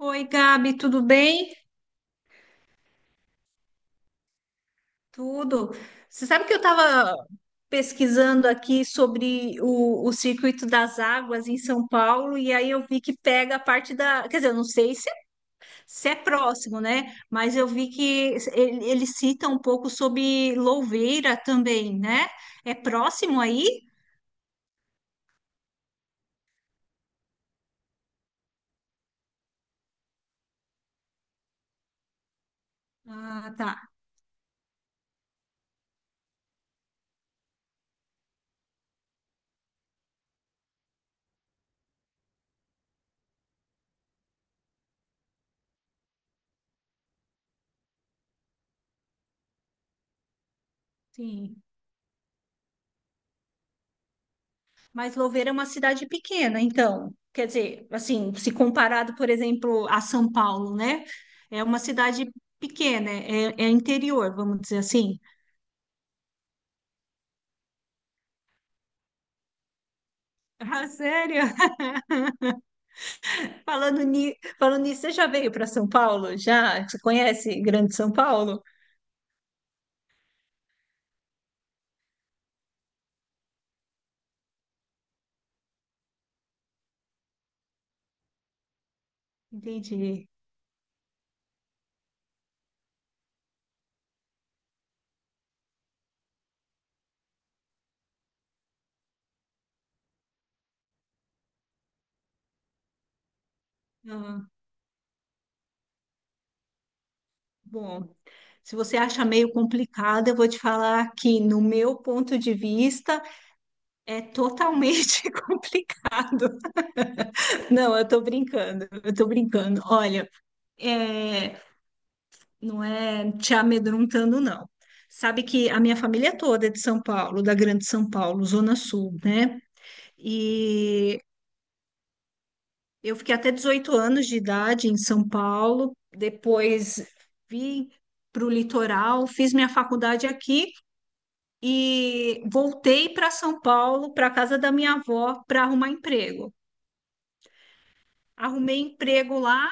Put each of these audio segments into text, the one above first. Oi, Gabi, tudo bem? Tudo. Você sabe que eu estava pesquisando aqui sobre o circuito das águas em São Paulo e aí eu vi que pega a parte da. Quer dizer, eu não sei se é próximo, né? Mas eu vi que ele cita um pouco sobre Louveira também, né? É próximo aí? Ah, tá. Sim. Mas Louveira é uma cidade pequena, então, quer dizer, assim, se comparado, por exemplo, a São Paulo, né? É uma cidade pequena, é interior, vamos dizer assim. Ah, sério? Falando nisso, você já veio para São Paulo? Já? Você conhece Grande São Paulo? Entendi. Ah, bom, se você acha meio complicado, eu vou te falar que, no meu ponto de vista, é totalmente complicado. Não, eu tô brincando, eu tô brincando. Olha. é, não é te amedrontando, não. Sabe que a minha família toda é de São Paulo, da Grande São Paulo, Zona Sul, né? E eu fiquei até 18 anos de idade em São Paulo, depois vim para o litoral, fiz minha faculdade aqui e voltei para São Paulo, para a casa da minha avó, para arrumar emprego. Arrumei emprego lá.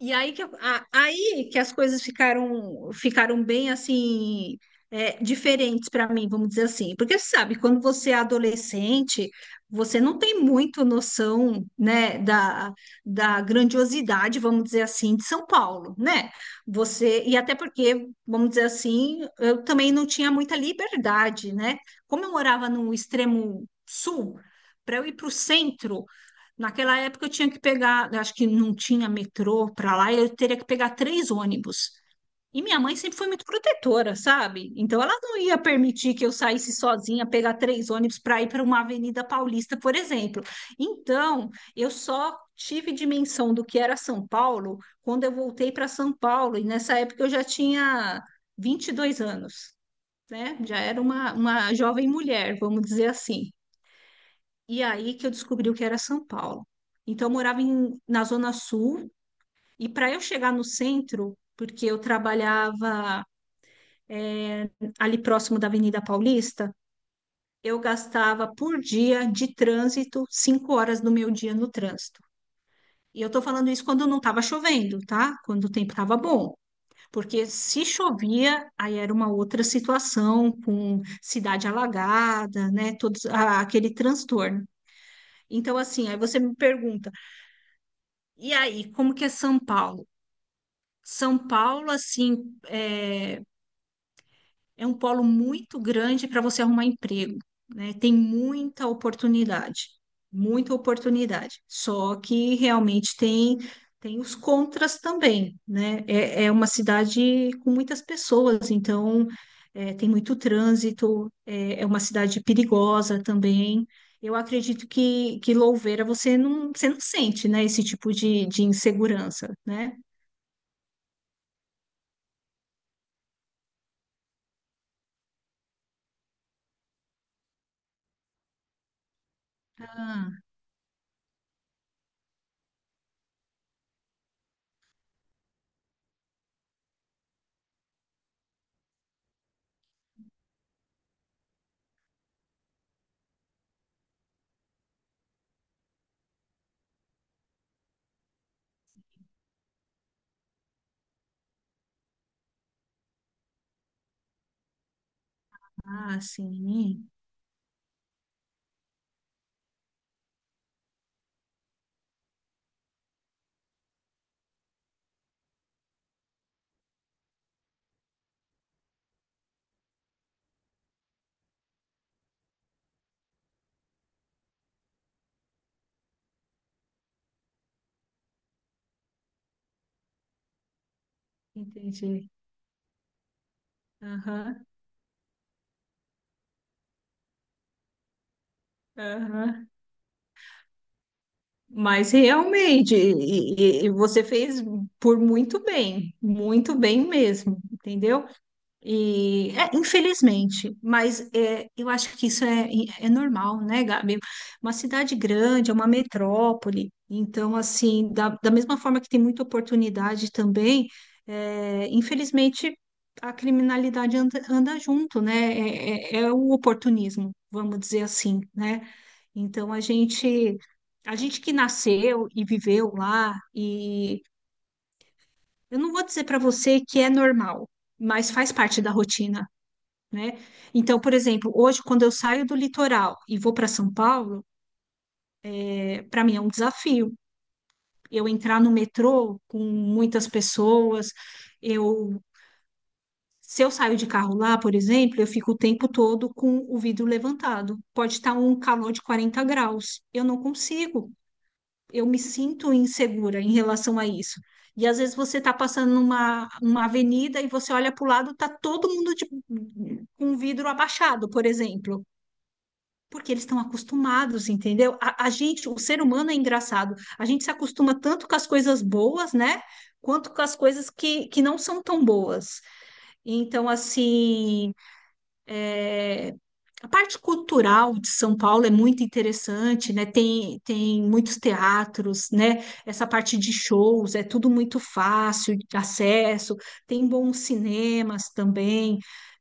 E aí que as coisas ficaram bem assim, diferentes para mim, vamos dizer assim. Porque você sabe, quando você é adolescente, você não tem muito noção, né, da grandiosidade, vamos dizer assim, de São Paulo, né? Você e até porque, vamos dizer assim, eu também não tinha muita liberdade, né? Como eu morava no extremo sul, para eu ir para o centro. Naquela época eu tinha que pegar, eu acho que não tinha metrô para lá, eu teria que pegar 3 ônibus. E minha mãe sempre foi muito protetora, sabe? Então ela não ia permitir que eu saísse sozinha, pegar 3 ônibus para ir para uma Avenida Paulista, por exemplo. Então, eu só tive dimensão do que era São Paulo quando eu voltei para São Paulo, e nessa época eu já tinha 22 anos, né? Já era uma jovem mulher, vamos dizer assim. E aí que eu descobri o que era São Paulo. Então, eu morava na Zona Sul, e para eu chegar no centro, porque eu trabalhava eh, ali próximo da Avenida Paulista, eu gastava por dia de trânsito 5 horas do meu dia no trânsito. E eu estou falando isso quando não estava chovendo, tá? Quando o tempo estava bom. Porque se chovia, aí era uma outra situação, com cidade alagada, né? Todos, aquele transtorno. Então, assim, aí você me pergunta. E aí, como que é São Paulo? São Paulo, assim, é, um polo muito grande para você arrumar emprego, né? Tem muita oportunidade, muita oportunidade. Só que realmente tem os contras também, né? É uma cidade com muitas pessoas, então tem muito trânsito, é, é uma cidade perigosa também. Eu acredito que Louveira você não sente, né, esse tipo de insegurança, né? Ah, ah, sim, entendi. Aham, aham. Mas realmente, e você fez por muito bem mesmo, entendeu? E, infelizmente, mas eu acho que isso é normal, né, Gabi? Uma cidade grande, é uma metrópole, então, assim, da mesma forma que tem muita oportunidade também, infelizmente, a criminalidade anda junto, né? É o oportunismo, vamos dizer assim, né? Então, a gente que nasceu e viveu lá, e eu não vou dizer para você que é normal, mas faz parte da rotina, né? Então, por exemplo, hoje, quando eu saio do litoral e vou para São Paulo, para mim é um desafio. Eu entrar no metrô com muitas pessoas, eu. Se eu saio de carro lá, por exemplo, eu fico o tempo todo com o vidro levantado. Pode estar um calor de 40 graus. Eu não consigo. Eu me sinto insegura em relação a isso. E às vezes você está passando numa avenida e você olha para o lado, está todo mundo com o vidro abaixado, por exemplo. Porque eles estão acostumados, entendeu? A gente, o ser humano é engraçado. A gente se acostuma tanto com as coisas boas, né? Quanto com as coisas que não são tão boas. Então, assim, é, a parte cultural de São Paulo é muito interessante, né? Tem muitos teatros, né? Essa parte de shows é tudo muito fácil de acesso, tem bons cinemas também,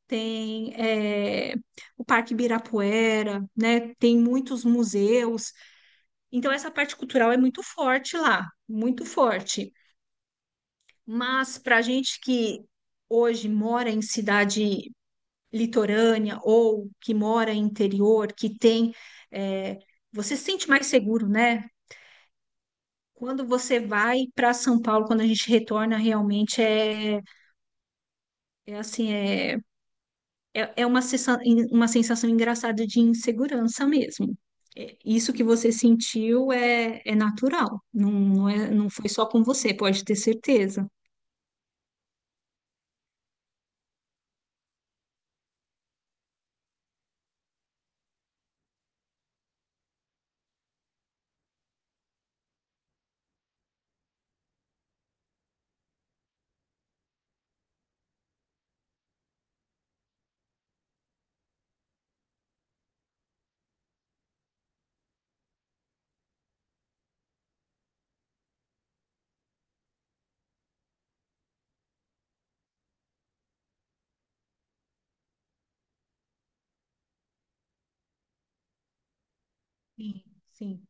tem o Parque Ibirapuera, né? Tem muitos museus. Então, essa parte cultural é muito forte lá, muito forte. Mas para a gente que hoje mora em cidade litorânea ou que mora em interior, que tem. é, você se sente mais seguro, né? Quando você vai para São Paulo, quando a gente retorna, realmente é, é, assim, é uma sensação engraçada de insegurança mesmo. É, isso que você sentiu é natural, não, não é, não foi só com você, pode ter certeza. Sim, sim,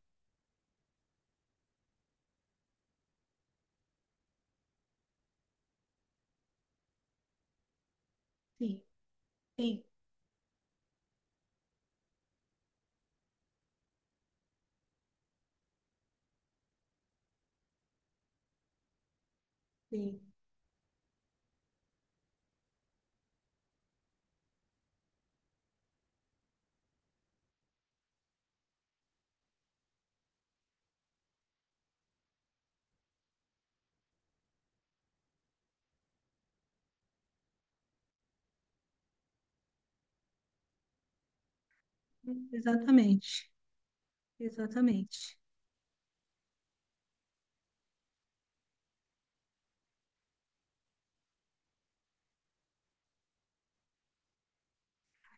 sim, sim, sim. Exatamente, exatamente.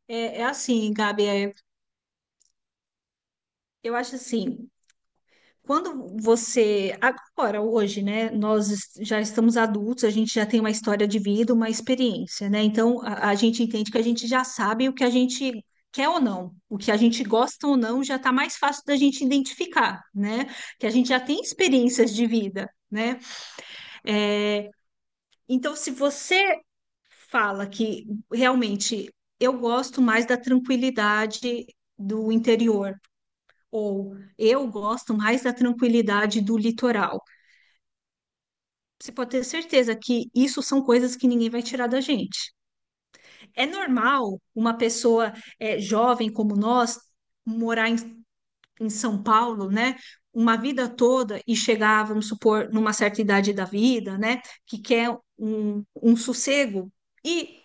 É assim, Gabi, Eu acho assim, quando você, agora, hoje, né, nós já estamos adultos, a gente já tem uma história de vida, uma experiência, né? Então, a gente entende que a gente já sabe o que a gente quer ou não, o que a gente gosta ou não, já está mais fácil da gente identificar, né? Que a gente já tem experiências de vida, né? É, então, se você fala que realmente eu gosto mais da tranquilidade do interior, ou eu gosto mais da tranquilidade do litoral. Você pode ter certeza que isso são coisas que ninguém vai tirar da gente. É normal uma pessoa jovem como nós morar em São Paulo, né? Uma vida toda e chegar, vamos supor, numa certa idade da vida, né? Que quer um sossego e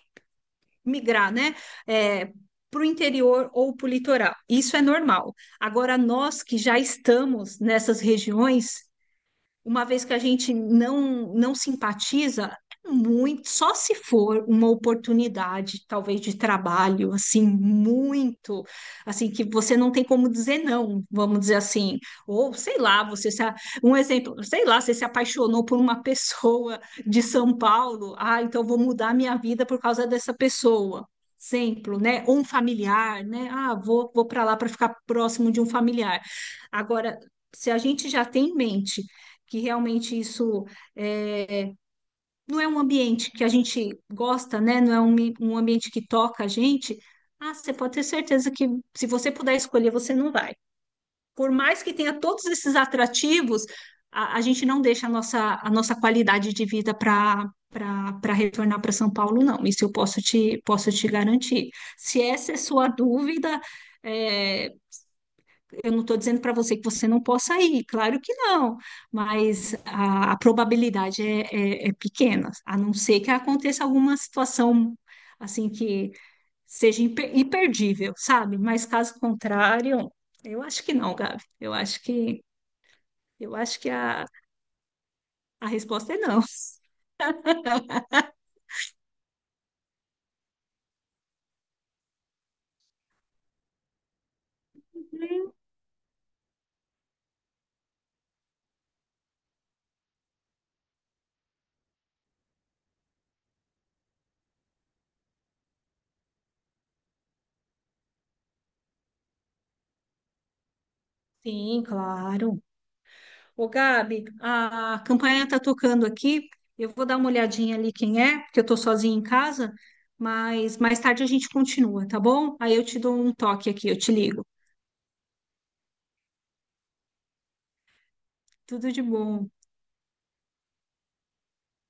migrar, né? eh, para o interior ou para o litoral. Isso é normal. Agora, nós que já estamos nessas regiões, uma vez que a gente não simpatiza, é muito, só se for uma oportunidade, talvez de trabalho, assim, muito, assim, que você não tem como dizer não, vamos dizer assim, ou sei lá, você se, a- um exemplo, sei lá, você se apaixonou por uma pessoa de São Paulo, ah, então eu vou mudar minha vida por causa dessa pessoa. Exemplo, né? Ou um familiar, né? Ah, vou para lá para ficar próximo de um familiar. Agora, se a gente já tem em mente que realmente isso é, não é um ambiente que a gente gosta, né? Não é um ambiente que toca a gente. Ah, você pode ter certeza que se você puder escolher, você não vai. Por mais que tenha todos esses atrativos, a gente não deixa a nossa qualidade de vida para retornar para São Paulo, não. Isso eu posso te garantir. Se essa é sua dúvida, é, eu não estou dizendo para você que você não possa ir, claro que não, mas a probabilidade é pequena, a não ser que aconteça alguma situação assim que seja imperdível, sabe? Mas caso contrário, eu acho que não, Gabi. Eu acho que a resposta é não. Sim, claro. Ô, Gabi, a campanha está tocando aqui. Eu vou dar uma olhadinha ali quem é, porque eu estou sozinha em casa, mas mais tarde a gente continua, tá bom? Aí eu te dou um toque aqui, eu te ligo. Tudo de bom.